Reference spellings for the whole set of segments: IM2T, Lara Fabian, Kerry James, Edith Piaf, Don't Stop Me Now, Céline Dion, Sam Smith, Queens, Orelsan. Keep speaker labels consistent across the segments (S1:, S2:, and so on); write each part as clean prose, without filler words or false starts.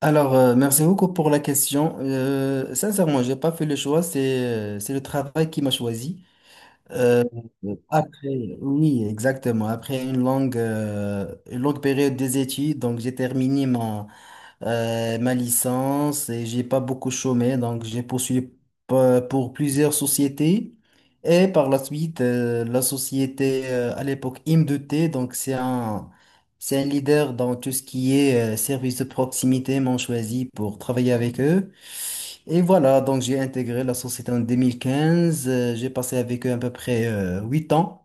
S1: Alors, merci beaucoup pour la question. Sincèrement, j'ai pas fait le choix, c'est le travail qui m'a choisi. Après, oui, exactement. Après une longue période des études, donc j'ai terminé ma licence et j'ai pas beaucoup chômé, donc j'ai poursuivi pour plusieurs sociétés. Et par la suite, la société à l'époque IM2T, donc c'est un leader dans tout ce qui est service de proximité, m'ont choisi pour travailler avec eux. Et voilà, donc j'ai intégré la société en 2015, j'ai passé avec eux à peu près 8 ans.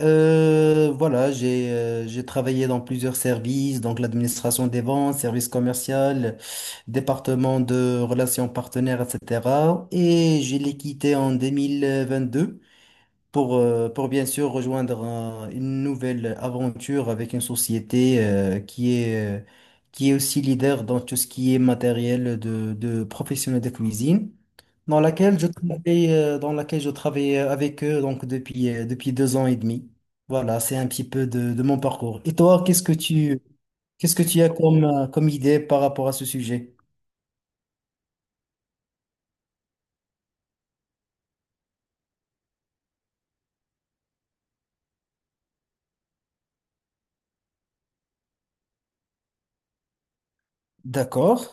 S1: Voilà, j'ai travaillé dans plusieurs services, donc l'administration des ventes, service commercial, département de relations partenaires, etc. Et je l'ai quitté en 2022 pour bien sûr rejoindre une nouvelle aventure avec une société qui est aussi leader dans tout ce qui est matériel de professionnels de cuisine dans laquelle je travaille avec eux donc depuis 2 ans et demi. Voilà, c'est un petit peu de mon parcours. Et toi, qu'est-ce que tu as comme, comme idée par rapport à ce sujet? D'accord.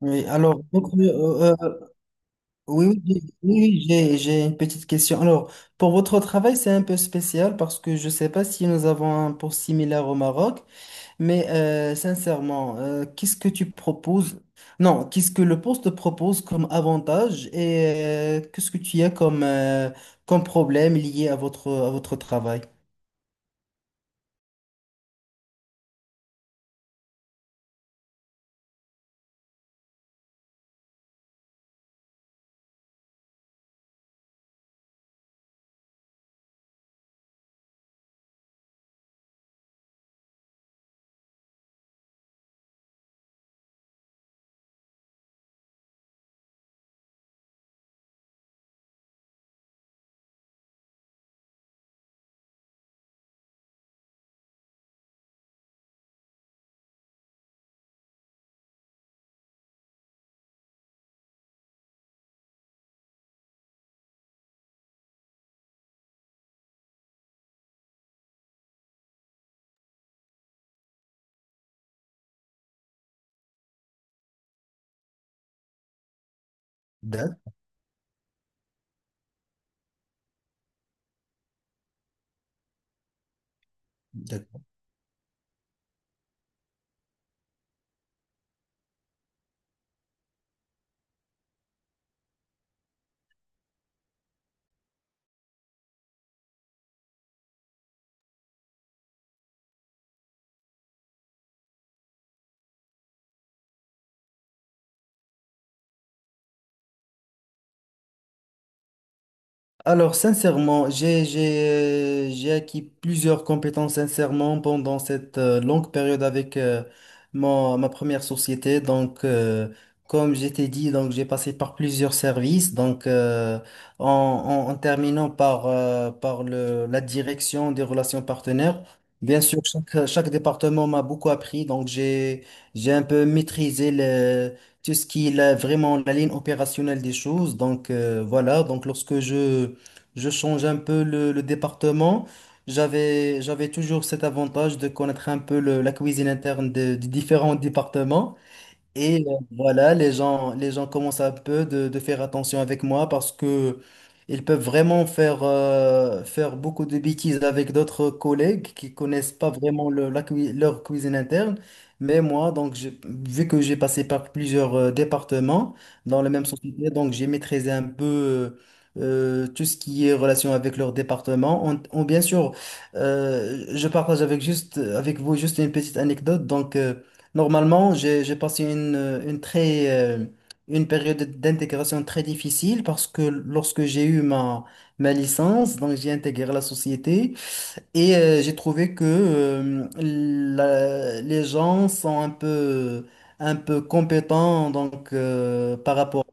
S1: Oui, alors, donc, oui, oui, j'ai une petite question. Alors, pour votre travail, c'est un peu spécial parce que je ne sais pas si nous avons un poste similaire au Maroc. Mais sincèrement, qu'est-ce que tu proposes? Non, qu'est-ce que le poste propose comme avantage et qu'est-ce que tu as comme, comme problème lié à votre travail? D'ac- D'accord. Alors, sincèrement, j'ai acquis plusieurs compétences sincèrement pendant cette longue période avec ma première société. Donc, comme je t'ai dit, donc j'ai passé par plusieurs services. Donc, en, en terminant par la direction des relations partenaires. Bien sûr, chaque département m'a beaucoup appris. Donc, j'ai un peu maîtrisé tout ce qui est vraiment la ligne opérationnelle des choses. Donc, voilà. Donc, lorsque je change un peu le département. J'avais toujours cet avantage de connaître un peu la cuisine interne des différents départements. Et voilà, les gens commencent un peu de faire attention avec moi parce que ils peuvent vraiment faire beaucoup de bêtises avec d'autres collègues qui connaissent pas vraiment leur cuisine interne. Mais moi, donc, vu que j'ai passé par plusieurs départements dans la même société, donc j'ai maîtrisé un peu tout ce qui est relation avec leur département. Bien sûr, je partage avec juste avec vous juste une petite anecdote. Donc normalement, j'ai passé une période d'intégration très difficile parce que lorsque j'ai eu ma licence, donc j'ai intégré la société et j'ai trouvé que les gens sont un peu compétents donc, par rapport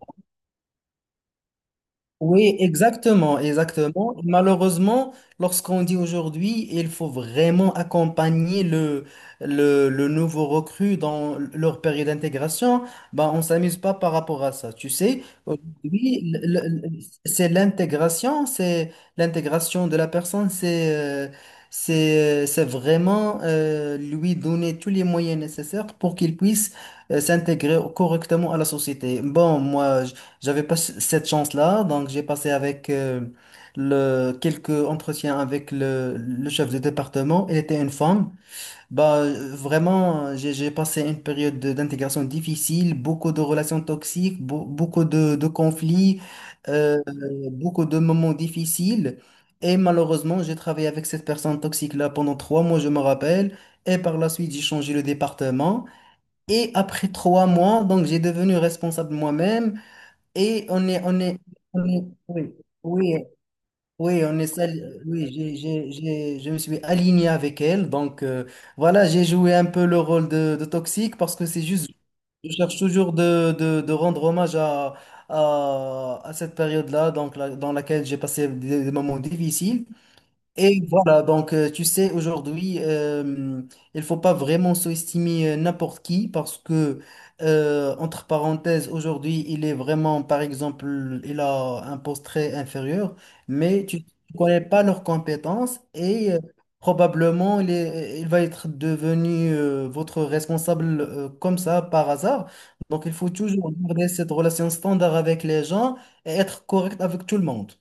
S1: oui, exactement, exactement. Malheureusement, lorsqu'on dit aujourd'hui, il faut vraiment accompagner le nouveau recrue dans leur période d'intégration, bah, on s'amuse pas par rapport à ça. Tu sais, aujourd'hui, c'est l'intégration de la personne, c'est vraiment lui donner tous les moyens nécessaires pour qu'il puisse s'intégrer correctement à la société. Bon, moi, j'avais pas cette chance-là, donc j'ai passé avec quelques entretiens avec le chef de département. Elle était une femme. Bah, vraiment, j'ai passé une période d'intégration difficile, beaucoup de relations toxiques, beaucoup de conflits, euh, beaucoup de moments difficiles. Et malheureusement, j'ai travaillé avec cette personne toxique-là pendant 3 mois, je me rappelle. Et par la suite, j'ai changé le département. Et après 3 mois, donc j'ai devenu responsable moi-même. Et oui, oui, oui, oui, je me suis aligné avec elle. Donc, voilà, j'ai joué un peu le rôle de toxique parce que c'est juste, je cherche toujours de rendre hommage à cette période-là, donc, dans laquelle j'ai passé des moments difficiles. Et voilà, donc tu sais, aujourd'hui, il faut pas vraiment sous-estimer n'importe qui parce que, entre parenthèses, aujourd'hui, il est vraiment, par exemple, il a un poste très inférieur, mais tu ne connais pas leurs compétences et probablement il va être devenu votre responsable comme ça par hasard. Donc, il faut toujours garder cette relation standard avec les gens et être correct avec tout le monde.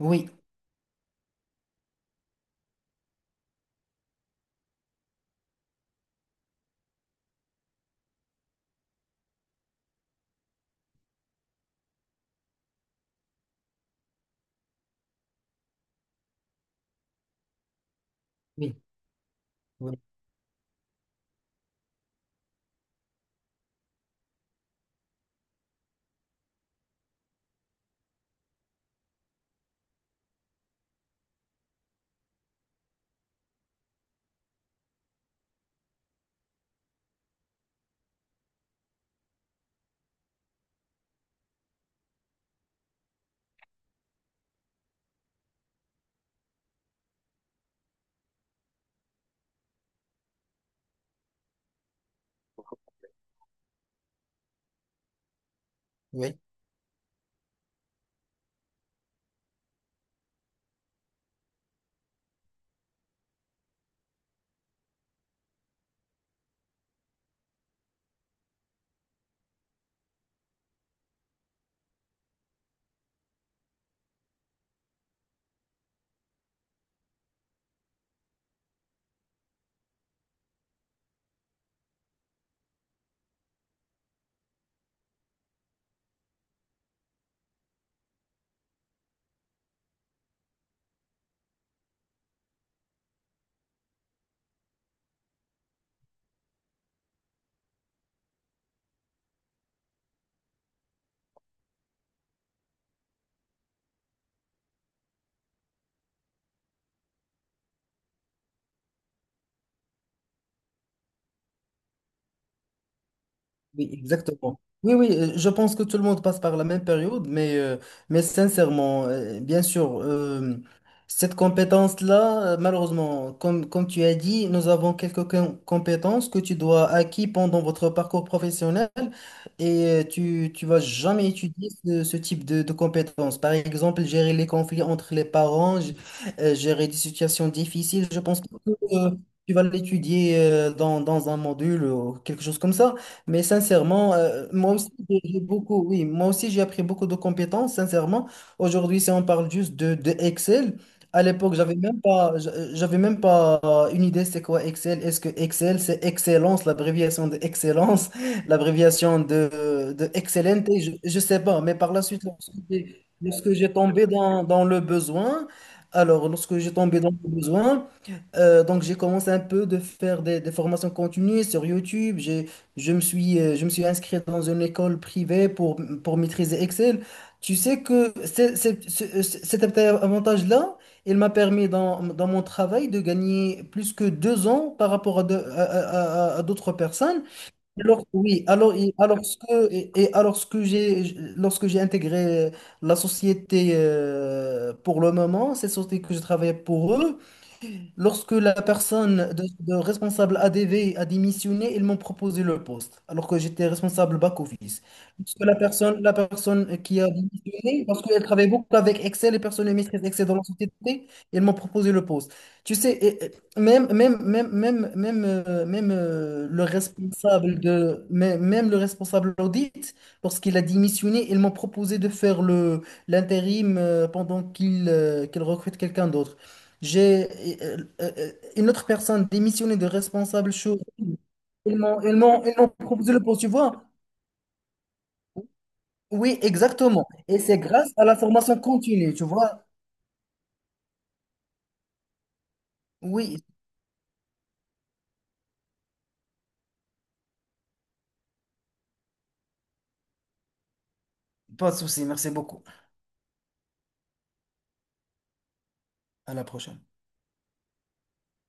S1: Oui, oui, oui, oui. Oui, exactement. Oui, oui, je pense que tout le monde passe par la même période, mais sincèrement, bien sûr, cette compétence-là, malheureusement, comme tu as dit, nous avons quelques compétences que tu dois acquis pendant votre parcours professionnel et tu vas jamais étudier ce type de compétences. Par exemple, gérer les conflits entre les parents, gérer des situations difficiles, je pense que euh, tu vas l'étudier dans un module ou quelque chose comme ça. Mais sincèrement, moi aussi, j'ai beaucoup, oui, moi aussi, j'ai appris beaucoup de compétences, sincèrement. Aujourd'hui, si on parle juste de Excel, à l'époque, j'avais même pas une idée c'est quoi Excel. Est-ce que Excel, c'est excellence, l'abréviation de excellence, l'abréviation de excellente, je sais pas. Mais par la suite, lorsque j'ai tombé dans le besoin, alors, lorsque j'ai tombé dans le besoin, donc, j'ai commencé un peu de faire des formations continues sur YouTube. J'ai je me suis inscrit dans une école privée pour maîtriser Excel. Tu sais que cet avantage-là, il m'a permis dans mon travail de gagner plus que 2 ans par rapport à, de- à d'autres personnes. Alors, oui, alors, alors ce que, et alors ce que j'ai, lorsque j'ai intégré la société pour le moment, cette société que je travaillais pour eux, lorsque la personne de responsable ADV a démissionné, ils m'ont proposé le poste, alors que j'étais responsable back-office. Lorsque la personne qui a démissionné, parce qu'elle travaille beaucoup avec Excel, les personnes qui maîtrisent Excel dans la société, ils m'ont proposé le poste. Tu sais, le responsable de, même, même le responsable audit, lorsqu'il a démissionné, ils m'ont proposé de faire le l'intérim pendant qu'il recrute quelqu'un d'autre. J'ai une autre personne démissionnée de responsable chose. Ils m'ont proposé le poste, tu vois. Oui, exactement. Et c'est grâce à la formation continue, tu vois. Oui, pas de souci. Merci beaucoup. À la prochaine.